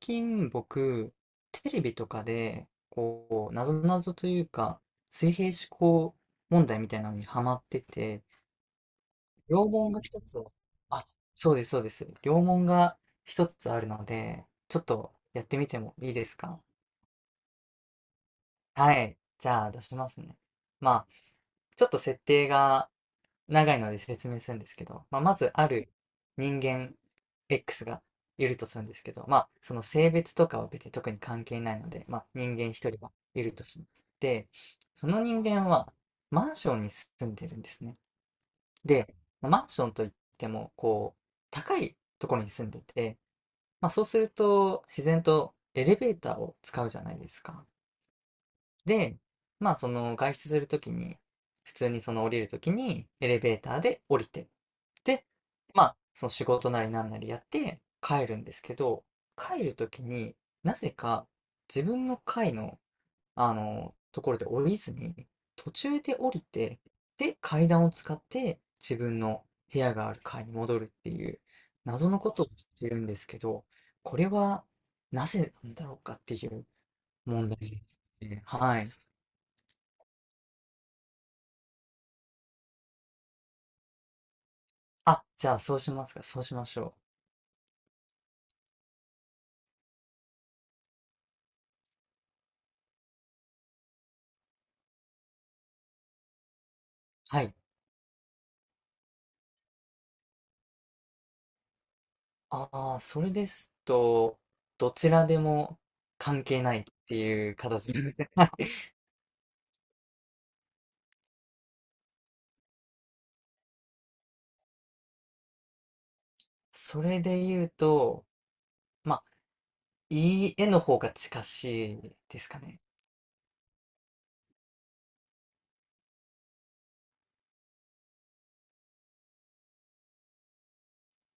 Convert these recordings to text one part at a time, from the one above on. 近僕、テレビとかで、なぞなぞというか、水平思考問題みたいなのにハマってて、両門が一つ、あ、そうです、そうです。両門が一つあるので、ちょっとやってみてもいいですか。はい。じゃあ出しますね。まあ、ちょっと設定が長いので説明するんですけど、まずある人間 X がいるとするんですけど、その性別とかは別に特に関係ないので、人間一人がいるとして、その人間はマンションに住んでるんですね。で、マンションといっても、高いところに住んでて、そうすると自然とエレベーターを使うじゃないですか。で、その外出するときに、普通にその降りるときにエレベーターで降りて、で、その仕事なりなんなりやって帰るんですけど、帰るときになぜか自分の階の、ところで降りずに、途中で降りて、で、階段を使って自分の部屋がある階に戻るっていう謎のことをしてるんですけど、これはなぜなんだろうかっていう問題ですね。はい。あ、じゃあそうしますか。そうしましょう。はい。ああ、それですと、どちらでも関係ないっていう形ですね。はい。それで言うと、まあ、いい絵の方が近しいですかね。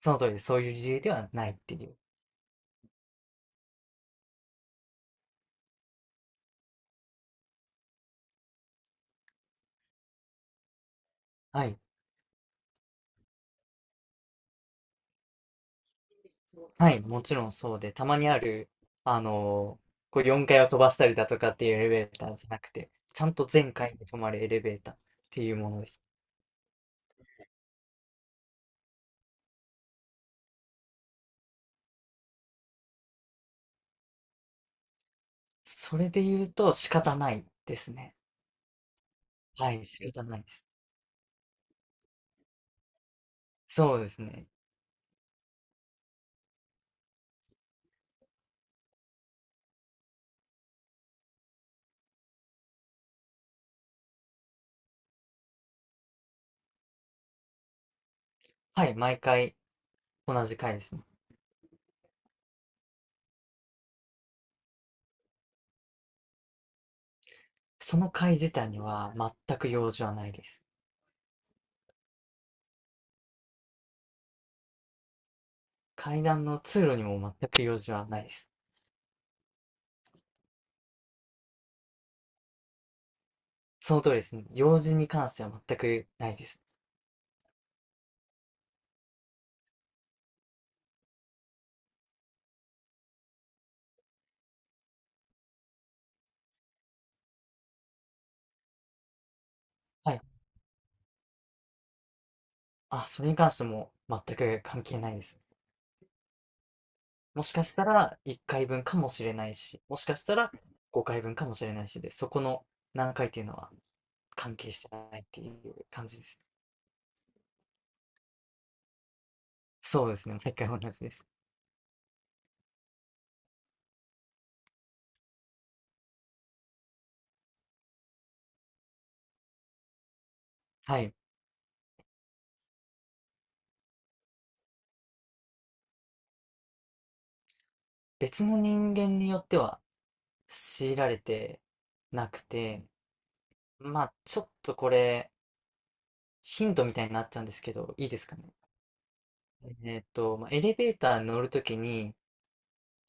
その通りです、そういう理由ではないっていう。はい。はい、もちろんそうで、たまにある、4階を飛ばしたりだとかっていうエレベーターじゃなくて、ちゃんと全階に止まるエレベーターっていうものです。それで言うと仕方ないですね。はい、仕方ないです。そうですね。はい、毎回同じ階ですね。その階自体には全く用事はないです。階段の通路にも全く用事はないです。その通りですね。用事に関しては全くないです。はい。あ、それに関しても全く関係ないです。もしかしたら1回分かもしれないし、もしかしたら5回分かもしれないしで、そこの何回っていうのは関係してないっていう感じです。そうですね、毎回同じです。はい。別の人間によっては強いられてなくて、ちょっとこれ、ヒントみたいになっちゃうんですけど、いいですかね。エレベーターに乗るときに、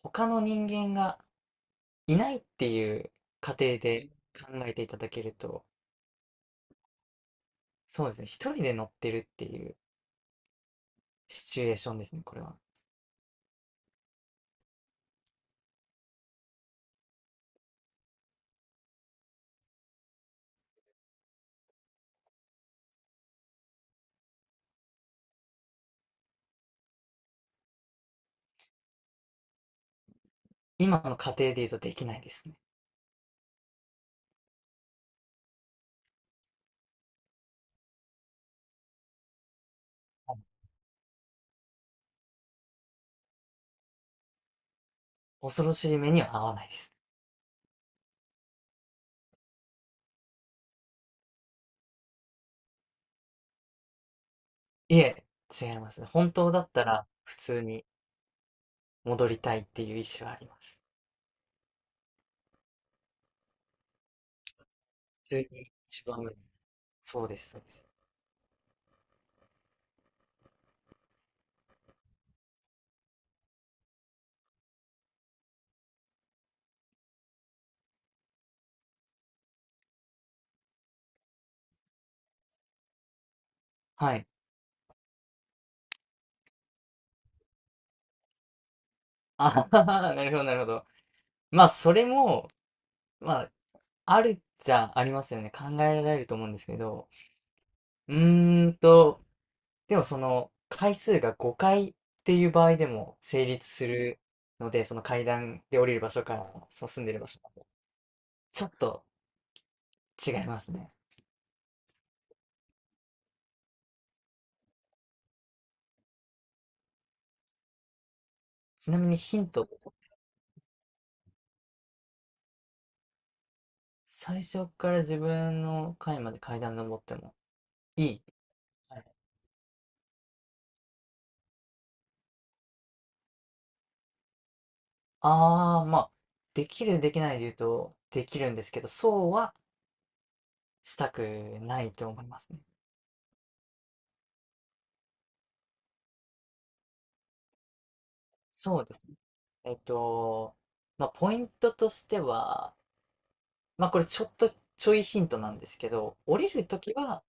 他の人間がいないっていう仮定で考えていただけると、そうですね、一人で乗ってるっていうシチュエーションですね、これは。今の仮定で言うとできないですね。はい。恐ろしい目には合わないです。いえ、違いますね。本当だったら、普通に戻りたいっていう意思はあります。普通に一番上、そうです、そうです。はい。あはははなるほど、なるほど。それも、まあ、あるっちゃありますよね。考えられると思うんですけど。うーんと、でもその、回数が5回っていう場合でも成立するので、その階段で降りる場所から、その住んでる場所。ちょっと違いますね。ちなみにヒント、最初から自分の階まで階段登ってもいい。はい、ああ、できる、できないで言うと、できるんですけど、そうはしたくないと思いますね。そうですね。えっと、ポイントとしては、これちょいヒントなんですけど、降りるときは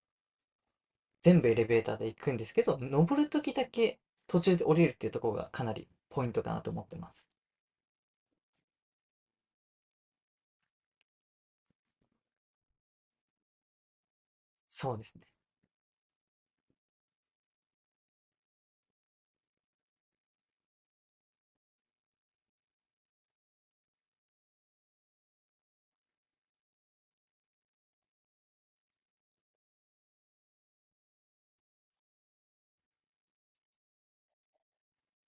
全部エレベーターで行くんですけど、登るときだけ途中で降りるっていうところがかなりポイントかなと思ってます。そうですね。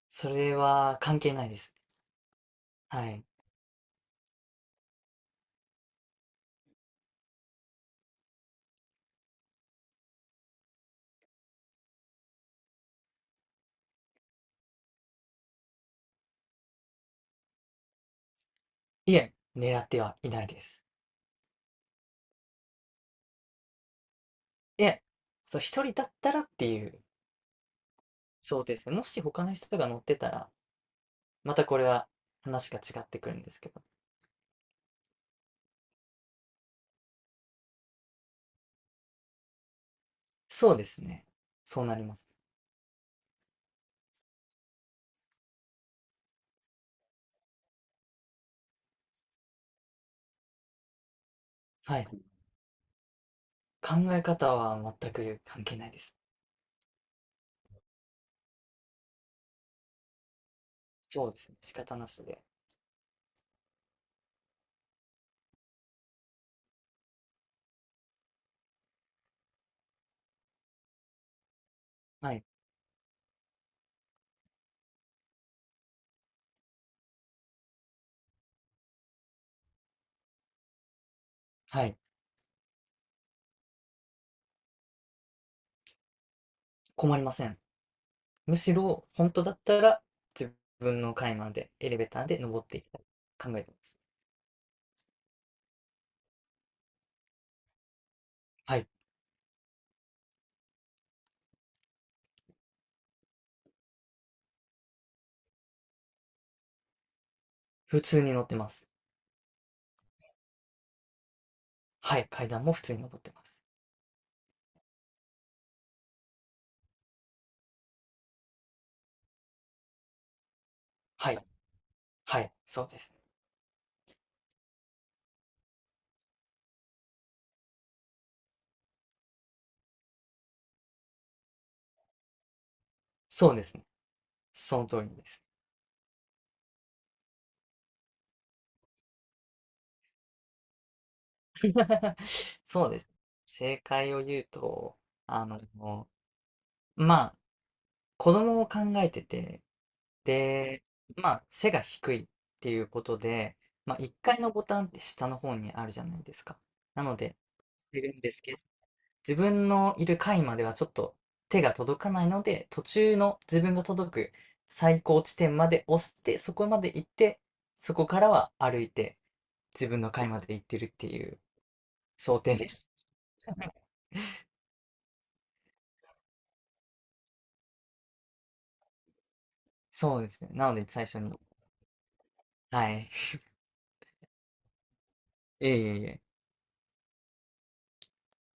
それは関係ないです。はい。いえ、狙ってはいないです。いえ、そう、一人だったらっていう想定ですね。もし他の人が乗ってたら、またこれは話が違ってくるんですけど。そうですね。そうなります。はい。考え方は全く関係ないです。そうですね、仕方なしで。はい。はい。困りません。むしろ、本当だったら、自分の階までエレベーターで登っていきたい、考えてます。はい。普通に乗ってます。はい、階段も普通に登ってます。はい、はい、そうですね。そうですね。その通りです。そうです。正解を言うと、あの、まあ、子供を考えててで、背が低いっていうことで、1階のボタンって下の方にあるじゃないですか。なので、いるんですけど、自分のいる階まではちょっと手が届かないので、途中の自分が届く最高地点まで押して、そこまで行って、そこからは歩いて自分の階まで行ってるっていう想定です。そうですね。なので、最初に。はい。いえいえいえ。